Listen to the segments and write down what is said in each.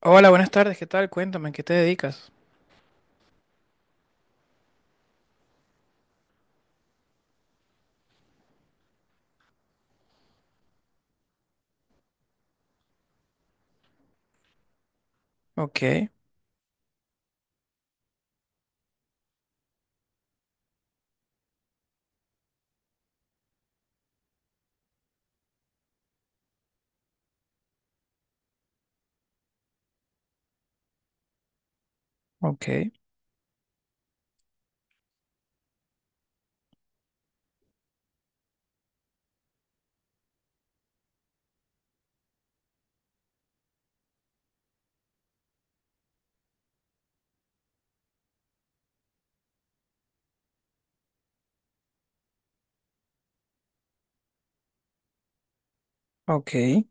Hola, buenas tardes, ¿qué tal? Cuéntame, ¿en ¿qué te dedicas? Ok, ok, ok.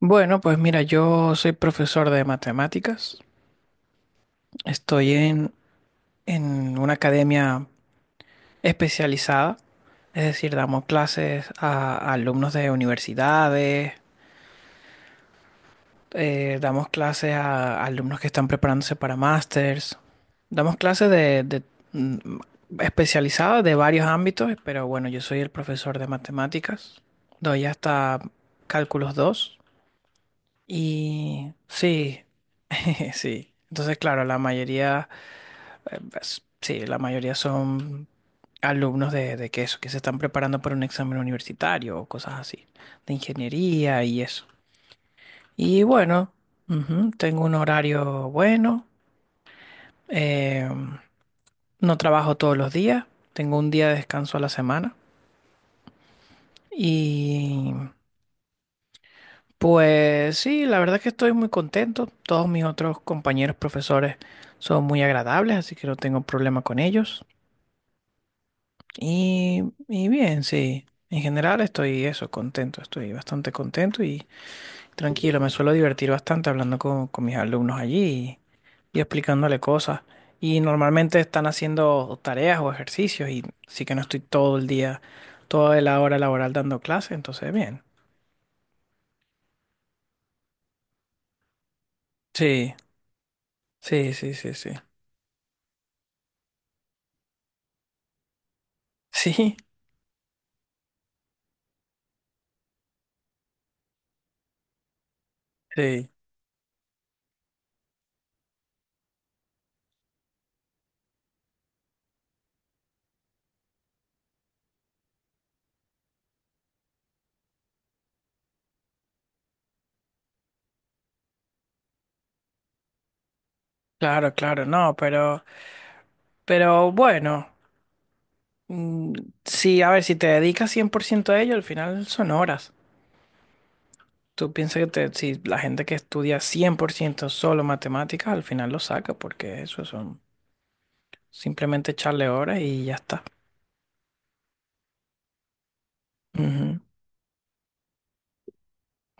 Bueno, pues mira, yo soy profesor de matemáticas. Estoy en una academia especializada, es decir, damos clases a alumnos de universidades, damos clases a alumnos que están preparándose para másters. Damos clases de, mm, especializadas de varios ámbitos, pero bueno, yo soy el profesor de matemáticas. Doy hasta cálculos 2. Y sí, sí. Entonces, claro, la mayoría, sí, la mayoría son alumnos de que se están preparando para un examen universitario o cosas así, de ingeniería y eso. Y bueno, ujú, tengo un horario bueno, eh, no trabajo todos los días, tengo un día de descanso a la semana. Y pues sí, la verdad es que estoy muy contento. Todos mis otros compañeros profesores son muy agradables, así que no tengo problema con ellos. Y, y bien, sí, en general estoy eso, contento, estoy bastante contento y tranquilo. Me suelo divertir bastante hablando con mis alumnos allí y explicándole cosas. Y normalmente están haciendo tareas o ejercicios y sí que no estoy todo el día, toda la hora laboral dando clases, entonces bien. Sí, sí, sí, sí, sí. Sí, sí. Claro, claro, no, pero bueno, mm, sí, a ver, si te dedicas 100% a ello, al final son horas. Tú piensas que si la gente que estudia 100% solo matemáticas, al final lo saca, porque eso son simplemente echarle horas y ya está. Ujú.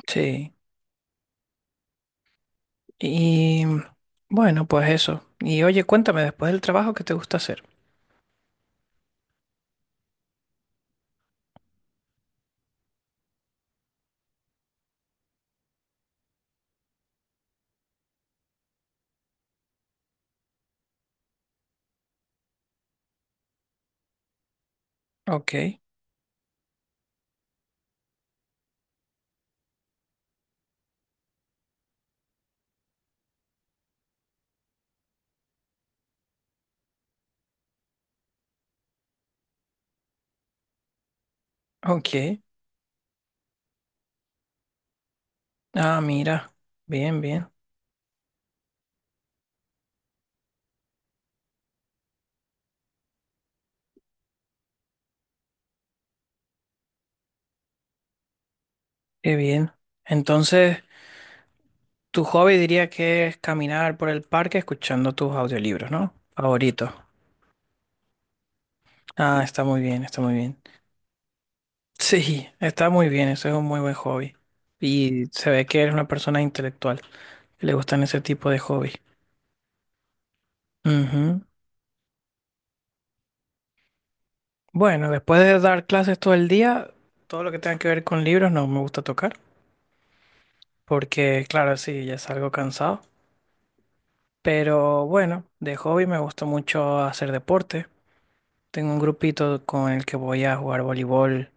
Sí. Y bueno, pues eso. Y oye, cuéntame después del trabajo qué te gusta hacer. Ok, ok. Ah, mira. Bien, bien. Qué bien. Entonces, tu hobby diría que es caminar por el parque escuchando tus audiolibros, ¿no? Favoritos. Ah, está muy bien, está muy bien. Sí, está muy bien. Eso es un muy buen hobby. Y se ve que eres una persona intelectual, que le gustan ese tipo de hobby. Ujú. Bueno, después de dar clases todo el día, todo lo que tenga que ver con libros no me gusta tocar. Porque claro, sí, ya salgo cansado. Pero bueno, de hobby me gusta mucho hacer deporte. Tengo un grupito con el que voy a jugar voleibol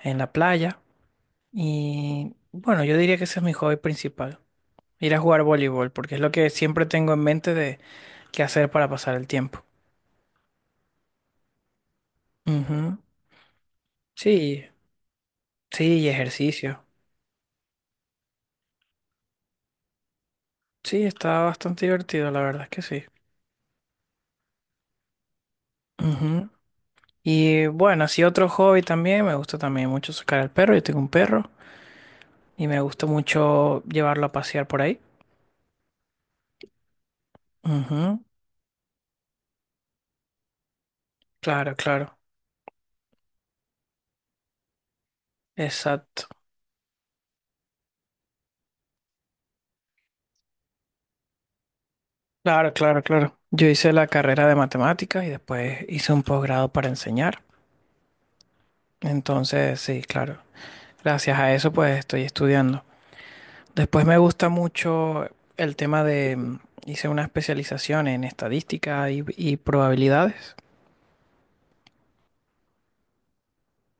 en la playa. Y bueno, yo diría que ese es mi hobby principal, ir a jugar voleibol, porque es lo que siempre tengo en mente de qué hacer para pasar el tiempo. Ujú. Sí, sí, y ejercicio. Sí, está bastante divertido, la verdad es que sí. Ujú. Y bueno, así otro hobby también, me gusta también mucho sacar al perro, yo tengo un perro. Y me gustó mucho llevarlo a pasear por ahí. Ujú. Claro, claro. Exacto. Claro, claro, claro. Yo hice la carrera de matemáticas y después hice un posgrado para enseñar. Entonces, sí, claro. Gracias a eso, pues estoy estudiando. Después me gusta mucho el tema de... hice una especialización en estadística y probabilidades.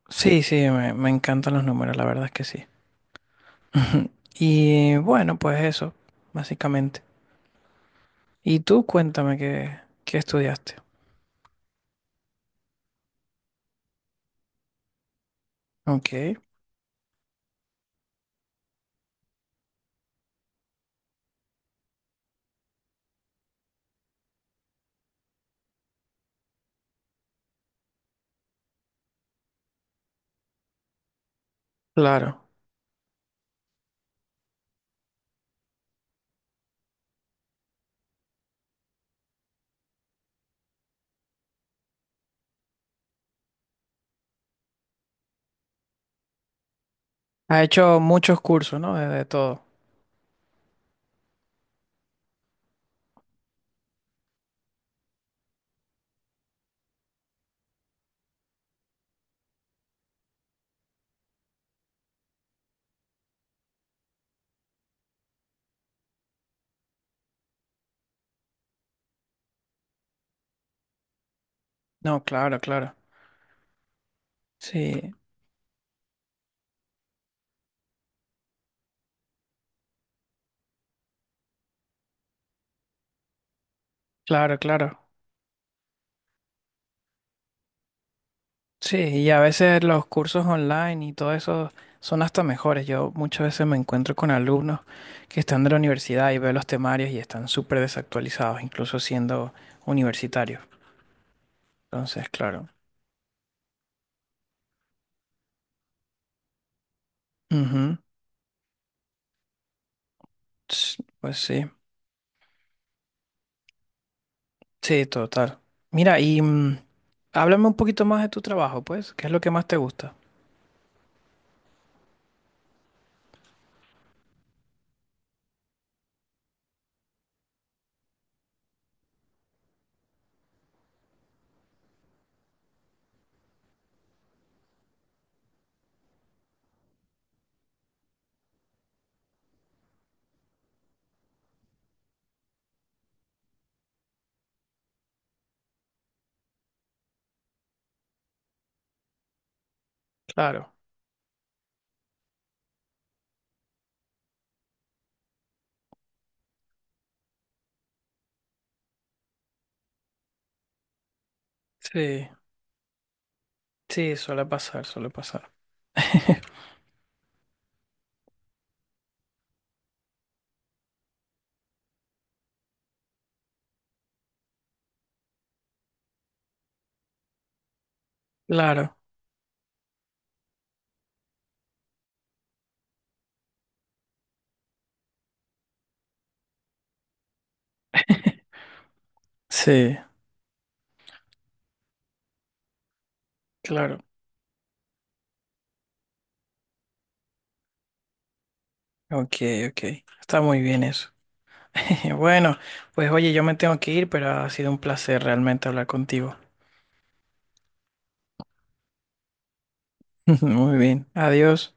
Sí, sí, me encantan los números, la verdad es que sí. Y bueno, pues eso, básicamente. Y tú cuéntame qué, qué estudiaste. Ok, claro. Ha hecho muchos cursos, ¿no? De todo. No, claro, claro. Sí, claro, claro. Sí, y a veces los cursos online y todo eso son hasta mejores. Yo muchas veces me encuentro con alumnos que están de la universidad y veo los temarios y están súper desactualizados, incluso siendo universitarios. Entonces, claro. Ujú. Ts- Pues sí. Sí, total. Mira, y háblame un poquito más de tu trabajo, pues. ¿Qué es lo que más te gusta? Claro. Sí, sí, suele pasar, suele pasar. Claro, sí, claro. Ok, ok. Está muy bien eso. Bueno, pues oye, yo me tengo que ir, pero ha sido un placer realmente hablar contigo. Muy bien. Adiós.